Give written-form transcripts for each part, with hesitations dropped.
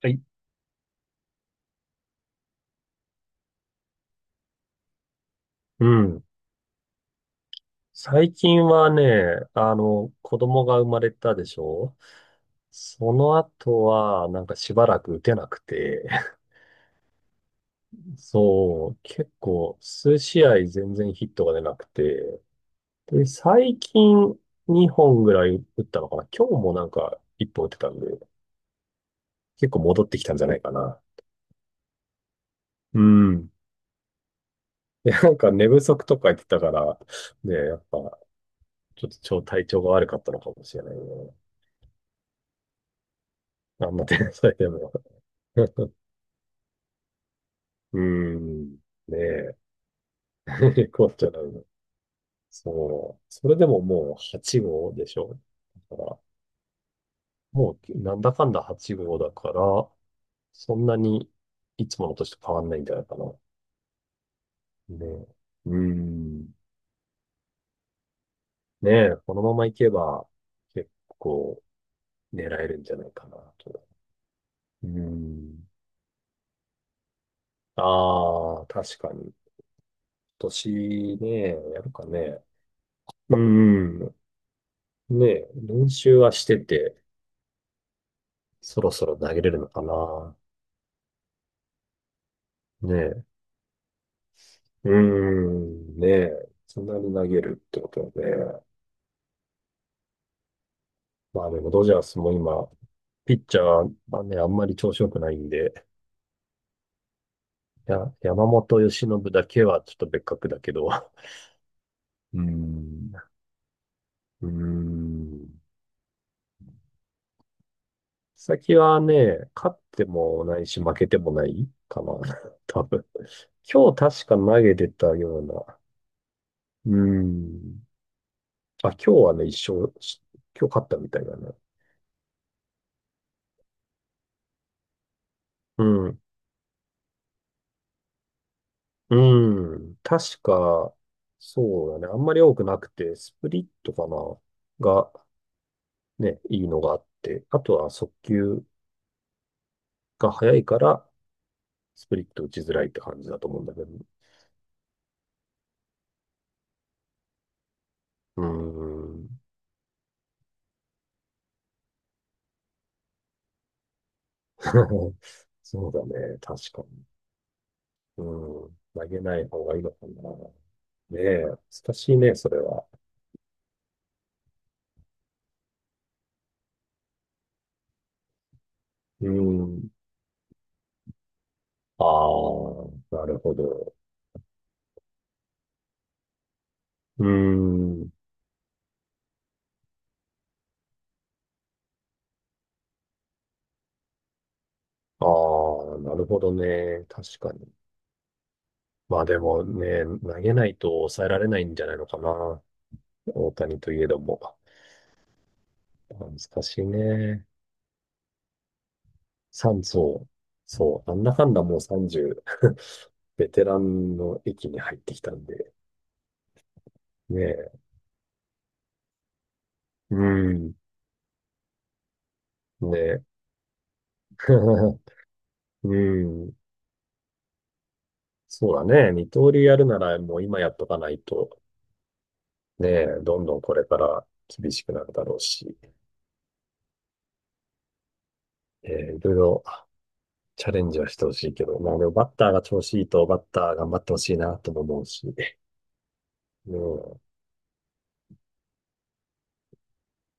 はい。うん。最近はね、子供が生まれたでしょ。その後は、なんかしばらく打てなくて、そう、結構、数試合全然ヒットが出なくて、で、最近2本ぐらい打ったのかな。今日もなんか1本打てたんで、結構戻ってきたんじゃないかな。うん。で、なんか寝不足とか言ってたから、ね、やっぱ、ちょっと超体調が悪かったのかもしれないね。あんな天才でも。うん。ねえ。困っちゃうな。そう。それでももう8号でしょ。だから、もうなんだかんだ8号だから、そんなにいつもの年と変わんないんじゃないかな。ねえ。うん。ねえ、このままいけば結構狙えるんじゃないかなと。うん。ああ、確かに。年ね、やるかね。うん。ねえ、練習はしてて、そろそろ投げれるのかな。ねえ。うーん、ねえ。そんなに投げるってことで、まあでもドジャースも今、ピッチャーはね、あんまり調子良くないんで、や、山本由伸だけはちょっと別格だけど、うーん、うーん。先はね、勝ってもないし負けてもないかな、多分。今日確か投げてたような、うーん。あ、今日はね、一勝し、今日勝ったみたいだな。うん。うん。確か、そうだね。あんまり多くなくて、スプリットかなが、ね、いいのがあって、あとは速球が速いから、スプリット打ちづらいって感じだと思うんだけど。うーん。そうだね。確かに。うん。投げない方がいいのかな。ねえ、難しいね、それは。うん。ああ、なるほど。うん。ああ、なるほどね。確かに。まあでもね、投げないと抑えられないんじゃないのかな。大谷といえども。難しいね。三層。そう。なんだかんだもう30、ベテランの域に入ってきたんで。ねえ。うん。ねえ。うん。そうだね。二刀流やるならもう今やっとかないと、ねえ、どんどんこれから厳しくなるだろうし、いろいろチャレンジはしてほしいけど、まあでもバッターが調子いいとバッター頑張ってほしいなとも思うし。ねえ、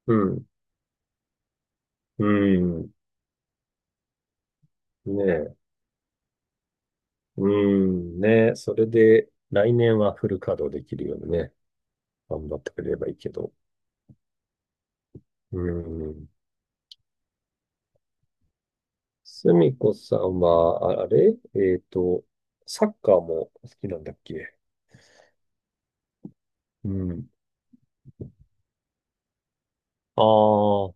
うん、うん、ねえ、うん、ねえ、それで来年はフル稼働できるようにね、頑張ってくれればいいけど。うん。すみこさんは、あ、あれえっと、サッカーも好きなんだっけ？うん。ああ、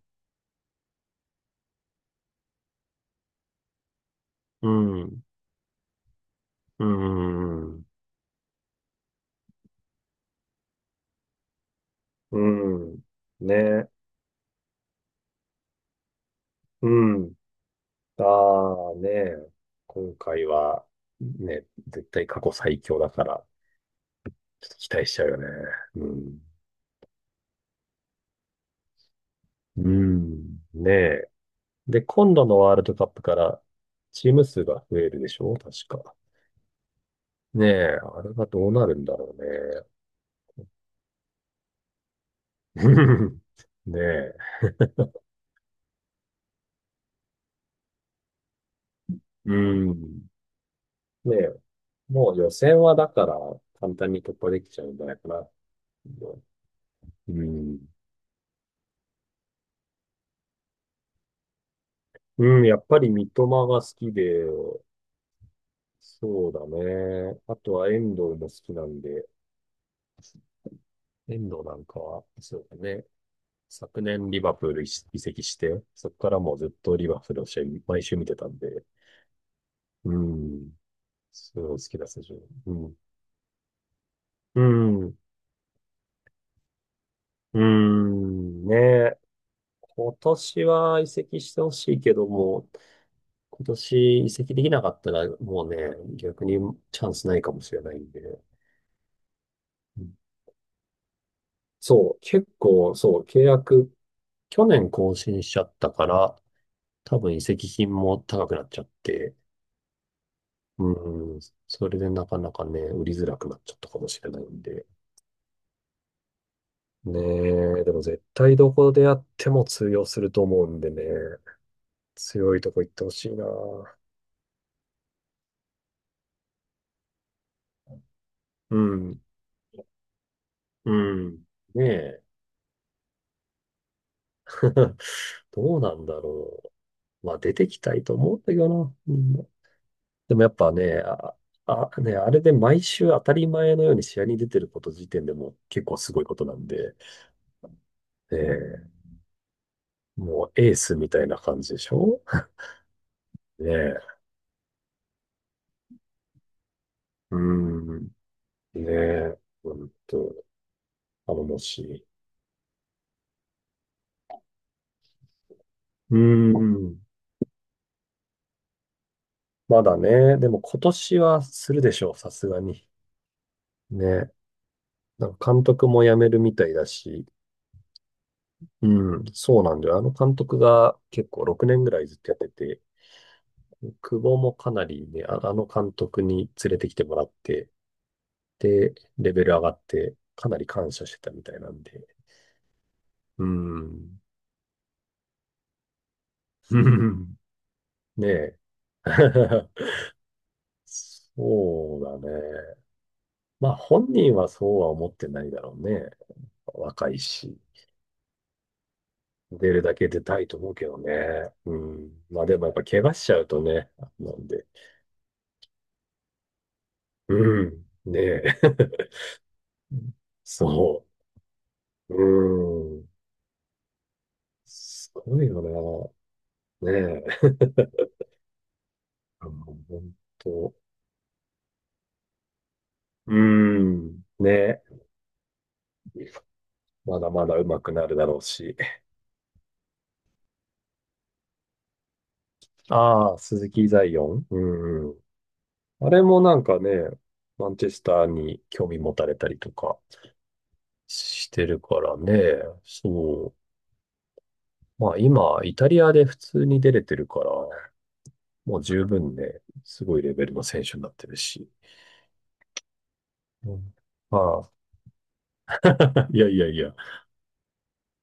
うん、うん、うん、ねえ、うん。ああ、ねえ、今回は、ね、絶対過去最強だから、ちょっと期待しちゃうよね。うん。うん。ねえ。で、今度のワールドカップからチーム数が増えるでしょ確か。ねえ。あれがどうなるんだろうね。ねえ。うん。ねえ。もう予選はだから簡単に突破できちゃうんじゃないかな。うん。うん、やっぱり三笘が好きで、そうだね。あとは遠藤も好きなんで、遠藤なんかは、そうだね。昨年リバプール移籍して、そこからもうずっとリバプールの試合毎週見てたんで、うん、すごい好きだ選手。うん。うん。うん。ねえ。今年は移籍してほしいけども、今年移籍できなかったらもうね、逆にチャンスないかもしれないんで。うん、そう、結構、そう、契約、去年更新しちゃったから、多分移籍金も高くなっちゃって、うん、それでなかなかね、売りづらくなっちゃったかもしれないんで。ねえ、でも絶対どこでやっても通用すると思うんでね、強いとこ行ってほしいな。うん、うん。ねえ、どうなんだろう。まあ出てきたいと思うんだけどな。みんなでもやっぱね、あ、あ、ね、あれで毎週当たり前のように試合に出てること時点でもう結構すごいことなんで、ねえ、もうエースみたいな感じでしょ。ねえ。うん。ねえ、ほんと、頼もしい。うーん。まだね、でも今年はするでしょう、さすがに。ね。なんか監督も辞めるみたいだし、うん、そうなんだよ。あの監督が結構6年ぐらいずっとやってて、久保もかなりね、あ、あの監督に連れてきてもらって、で、レベル上がって、かなり感謝してたみたいなんで。うん。ねえ。そうだね。まあ本人はそうは思ってないだろうね。若いし。出るだけ出たいと思うけどね。うん。まあでもやっぱ怪我しちゃうとね、なんで。うん。ねえ。そう。うん。すごいよな。ねえ。あの本当。うん。ねえ。まだまだ上手くなるだろうし。ああ、鈴木ザイオン。うんうん。あれもなんかね、マンチェスターに興味持たれたりとか。してるからね。そう。まあ今、イタリアで普通に出れてるから、もう十分ね、すごいレベルの選手になってるし。うん、ああ、いやいやいや。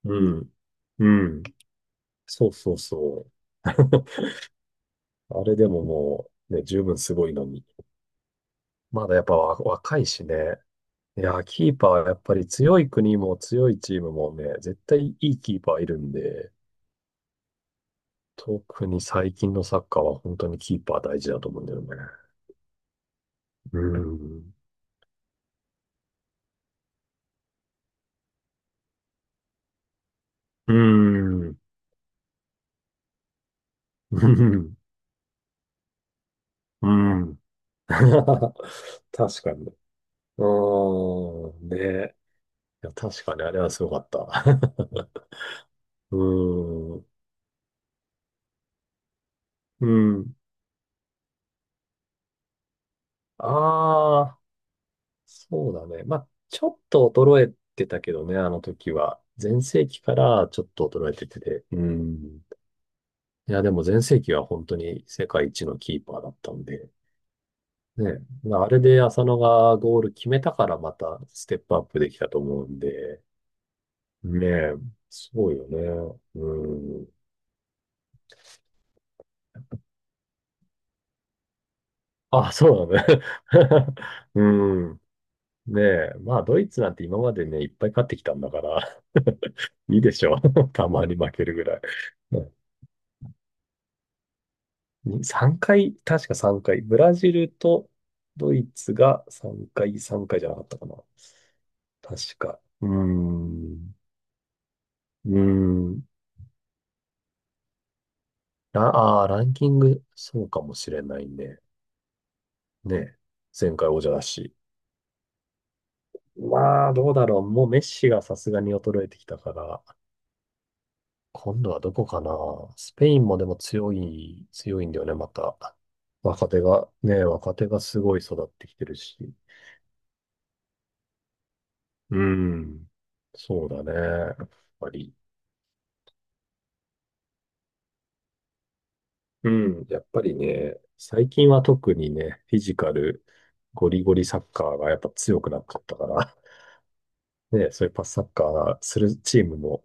うん。うん。そうそうそう。あれでももう、ね、十分すごいのに。まだやっぱわ若いしね。いや、キーパーはやっぱり強い国も強いチームもね、絶対いいキーパーいるんで、特に最近のサッカーは本当にキーパー大事だと思うんだよね。うん。うーん。うんうん。 確かに。うーん。ね。いや、確かにあれはすごかった。うーん。うん。ああ、そうだね。まあ、ちょっと衰えてたけどね、あの時は。全盛期からちょっと衰えてて。うん。いや、でも全盛期は本当に世界一のキーパーだったんで。ね。まあ、あれで浅野がゴール決めたからまたステップアップできたと思うんで。ねえ、そうよね。うん。あ、そうだね。うん。ねえ、まあ、ドイツなんて今までね、いっぱい勝ってきたんだから、いいでしょう。たまに負けるぐらい。うん。3回、確か3回。ブラジルとドイツが3回、3回じゃなかったかな。確か。うーん。うーん。ああ、ランキング、そうかもしれないね。ねえ。前回王者だし。まあ、どうだろう。もうメッシがさすがに衰えてきたから、今度はどこかな。スペインもでも強いんだよね、また。若手が、ね、若手がすごい育ってきてるし。うん。そうだね。やっぱり。うん。やっぱりね、最近は特にね、フィジカル、ゴリゴリサッカーがやっぱ強くなかったから、ね、そういうパスサッカーするチームも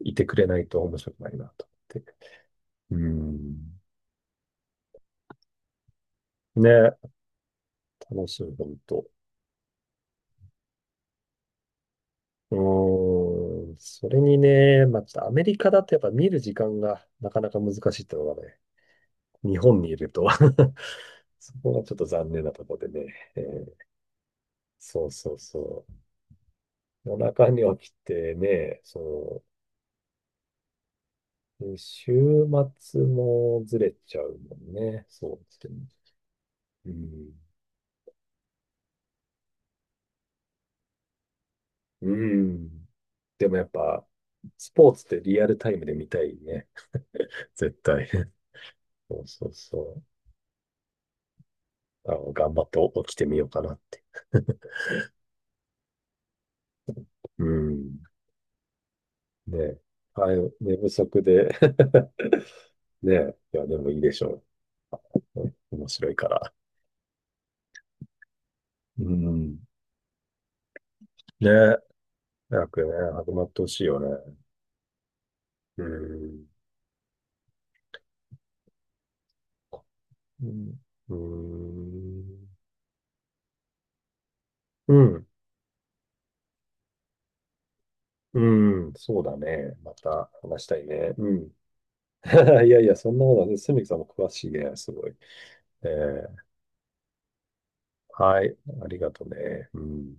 いてくれないと面白くないなと思って。うん。ね、楽しい、本当。うーん。それにね、まあ、ちょっとアメリカだとやっぱ見る時間がなかなか難しいってのがね、日本にいると そこがちょっと残念なところでね、そうそうそう。夜中に起きてね、そう、で週末もずれちゃうもんね、そうですね。うん。うん。でもやっぱ、スポーツってリアルタイムで見たいね、絶対。そうそうそう。あの、頑張って起きてみようかなって。うん。ねえ。はい、寝不足で。 ねえ。いや、でもいいでしょう。面白いから。うん。ねえ。早くね、始まってほしいよね。うん。うん。うん。うん、うん、そうだね。また話したいね。うん。いやいや、そんなことはね、すみきさんも詳しいね、すごい。えーはい、ありがとね。うん。